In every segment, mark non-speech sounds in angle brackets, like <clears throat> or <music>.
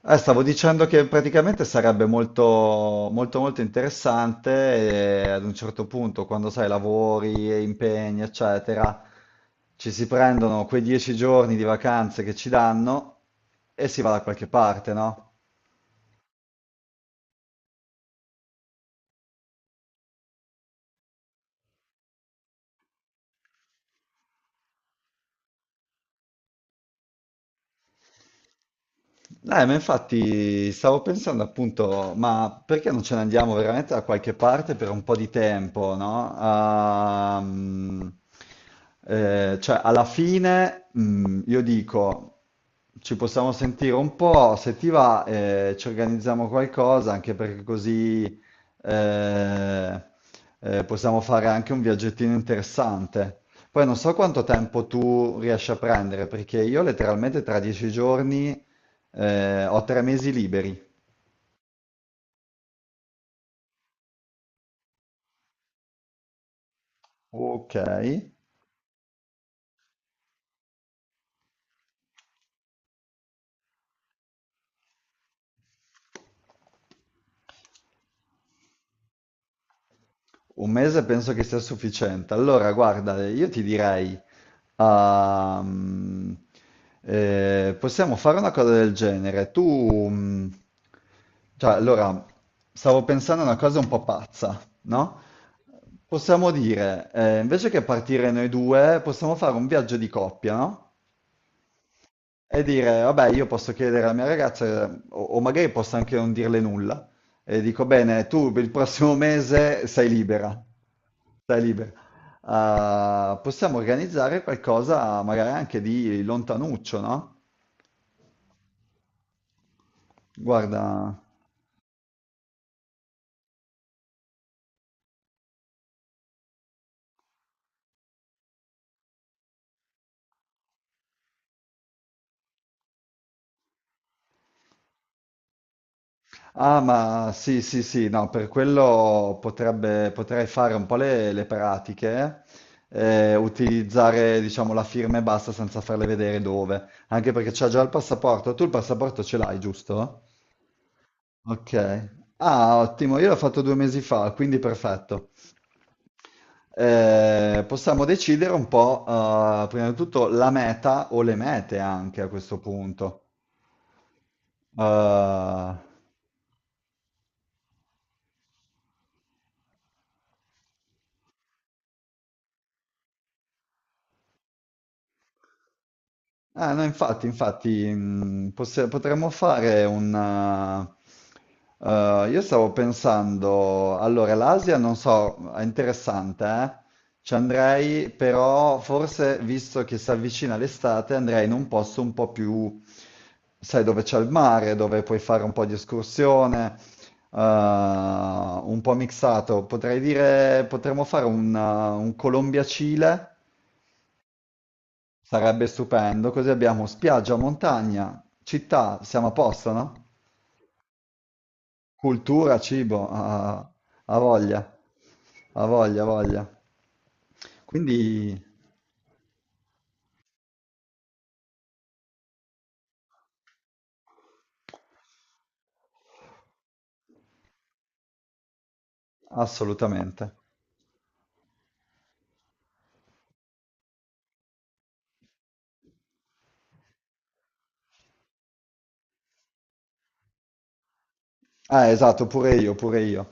Stavo dicendo che praticamente sarebbe molto, molto, molto interessante e ad un certo punto, quando sai, lavori e impegni, eccetera, ci si prendono quei 10 giorni di vacanze che ci danno e si va da qualche parte, no? Ma infatti stavo pensando appunto, ma perché non ce ne andiamo veramente da qualche parte per un po' di tempo, no? Cioè, alla fine, io dico, ci possiamo sentire un po', se ti va, ci organizziamo qualcosa, anche perché così eh, possiamo fare anche un viaggettino interessante. Poi non so quanto tempo tu riesci a prendere, perché io letteralmente tra dieci giorni... Ho 3 mesi liberi. Ok, 1 mese penso che sia sufficiente. Allora, guarda, io ti direi, ehm, possiamo fare una cosa del genere. Mm, cioè, allora, stavo pensando a una cosa un po' pazza, no? Possiamo dire, invece che partire noi due, possiamo fare un viaggio di coppia, no? E dire, vabbè, io posso chiedere alla mia ragazza, o magari posso anche non dirle nulla, e dico, bene, tu per il prossimo mese sei libera, sei libera. Ah, possiamo organizzare qualcosa magari anche di lontanuccio, no? Guarda, ah, ma sì, sì, sì, no, per quello potrebbe, potrei fare un po' le pratiche, utilizzare, diciamo, la firma e basta senza farle vedere dove, anche perché c'ha già il passaporto. Tu il passaporto ce l'hai, giusto? Ok. Ah, ottimo, io l'ho fatto 2 mesi fa, quindi perfetto. Possiamo decidere un po', prima di tutto, la meta o le mete anche a questo punto. Eh, Ah, no, infatti, infatti, potremmo fare un... Io stavo pensando, allora, l'Asia non so, è interessante, eh? Ci andrei, però forse, visto che si avvicina l'estate, andrei in un posto un po' più, sai, dove c'è il mare, dove puoi fare un po' di escursione, un po' mixato. Potrei dire, un Colombia-Cile. Sarebbe stupendo, così abbiamo spiaggia, montagna, città, siamo a posto, no? Cultura, cibo, a, a voglia, a voglia, a voglia. Quindi, assolutamente. Ah, esatto, pure io, pure io.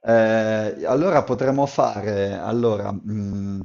Allora potremmo fare, allora, mm,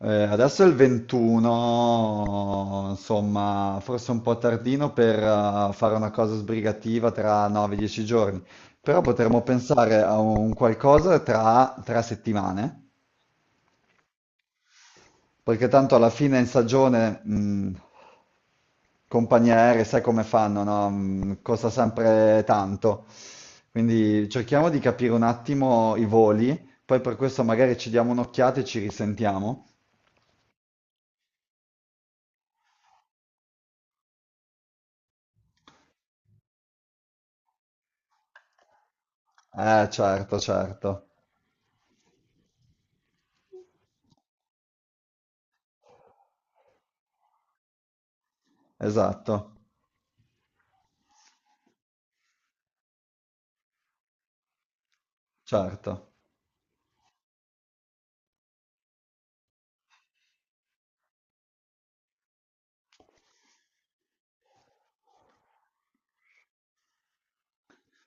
eh, adesso è il 21, insomma, forse un po' tardino per fare una cosa sbrigativa tra 9-10 giorni, però potremmo pensare a un qualcosa tra 3 settimane, perché tanto alla fine in stagione, compagnie aeree, sai come fanno, no? Mm, costa sempre tanto. Quindi cerchiamo di capire un attimo i voli, poi per questo magari ci diamo un'occhiata e ci risentiamo. Certo, certo, esatto, certo.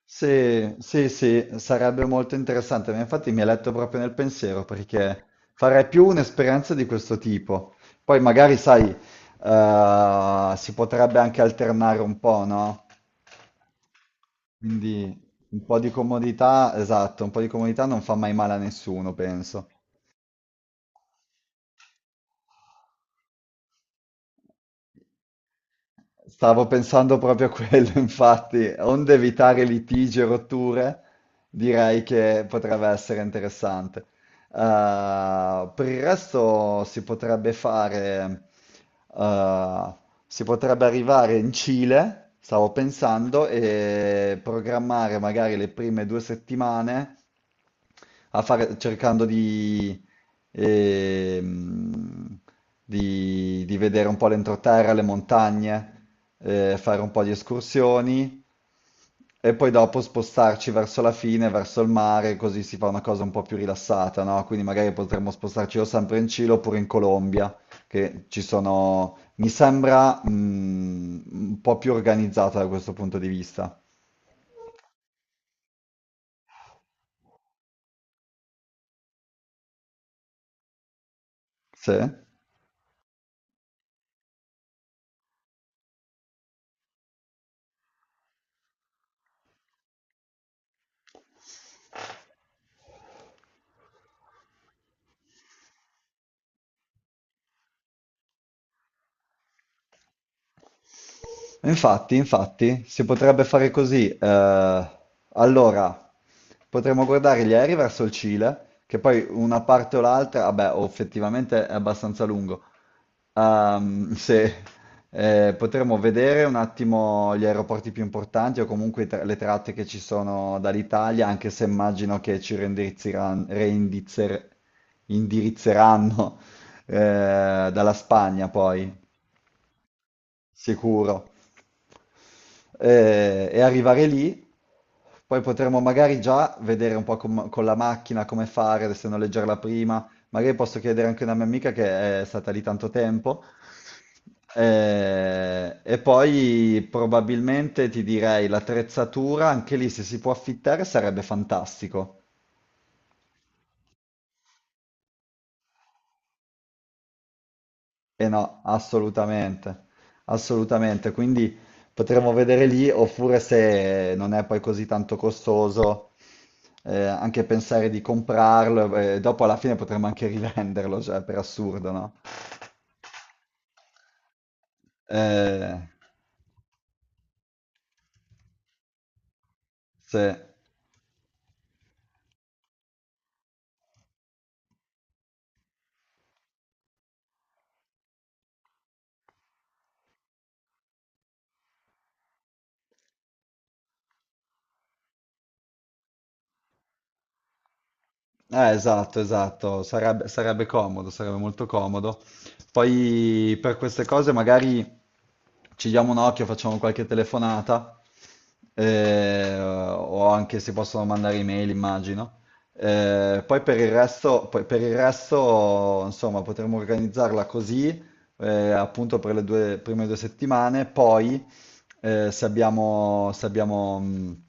Sì, sì, sì, sarebbe molto interessante, ma infatti mi ha letto proprio nel pensiero perché farei più un'esperienza di questo tipo. Poi magari, sai, si potrebbe anche alternare un po', no? Quindi un po' di comodità, esatto, un po' di comodità non fa mai male a nessuno, penso. Stavo pensando proprio a quello, <laughs> infatti, onde evitare litigi e rotture, direi che potrebbe essere interessante. Per il resto si potrebbe fare, eh, si potrebbe arrivare in Cile, stavo pensando, e programmare magari le prime 2 settimane cercando di, ehm, di vedere un po' l'entroterra, le montagne, fare un po' di escursioni e poi dopo spostarci verso la fine, verso il mare, così si fa una cosa un po' più rilassata, no? Quindi magari potremmo spostarci o sempre in Cile oppure in Colombia, che ci sono, mi sembra, un po' più organizzata da questo punto di vista. Sì? Infatti, infatti, si potrebbe fare così. Allora, potremmo guardare gli aerei verso il Cile, che poi una parte o l'altra, vabbè, o effettivamente è abbastanza lungo. Se, Potremmo vedere un attimo gli aeroporti più importanti o comunque le tratte che ci sono dall'Italia, anche se immagino che ci indirizzeranno dalla Spagna poi, sicuro e arrivare lì, poi potremo magari già vedere un po' con la macchina come fare, se noleggiarla prima, magari posso chiedere anche a una mia amica che è stata lì tanto tempo, e poi probabilmente ti direi l'attrezzatura, anche lì se si può affittare sarebbe fantastico. Eh no, assolutamente, assolutamente. Quindi potremmo vedere lì, oppure se non è poi così tanto costoso, anche pensare di comprarlo e dopo alla fine potremmo anche rivenderlo, cioè per assurdo, no? Eh, sì. Esatto, esatto, sarebbe, sarebbe comodo, sarebbe molto comodo. Poi per queste cose magari ci diamo un occhio, facciamo qualche telefonata, o anche si possono mandare email, immagino. Poi per il resto, poi per il resto, insomma, potremmo organizzarla così, appunto per prime 2 settimane, poi se abbiamo, se abbiamo, mh,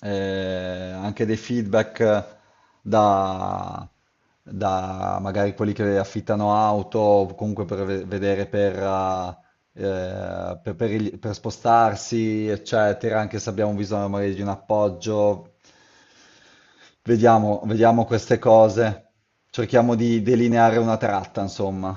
eh, anche dei feedback da, da magari quelli che affittano auto, o comunque per vedere per, per spostarsi, eccetera, anche se abbiamo bisogno magari di un appoggio, vediamo, vediamo queste cose, cerchiamo di delineare una tratta, insomma.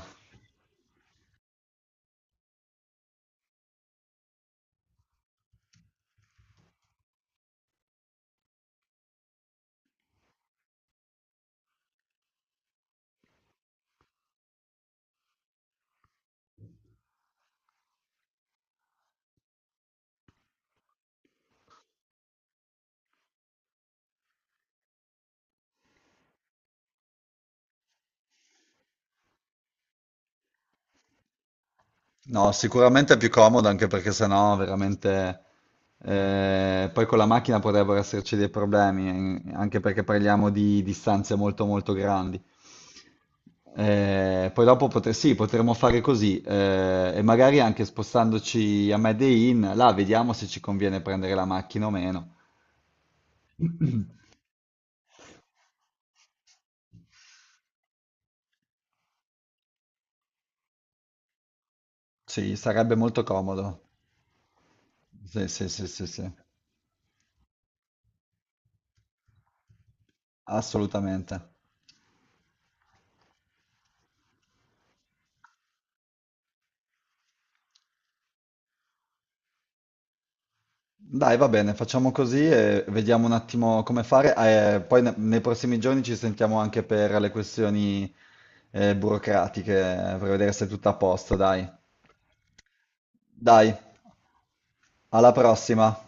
No, sicuramente è più comodo anche perché sennò veramente poi con la macchina potrebbero esserci dei problemi, anche perché parliamo di distanze molto molto grandi. Sì, potremmo fare così e magari anche spostandoci a Medellin, là vediamo se ci conviene prendere la macchina o meno. <clears throat> Sì, sarebbe molto comodo. Sì, sì, sì, sì, sì, assolutamente. Dai, va bene, facciamo così e vediamo un attimo come fare. Poi nei prossimi giorni ci sentiamo anche per le questioni burocratiche, per vedere se è tutto a posto, dai. Dai, alla prossima.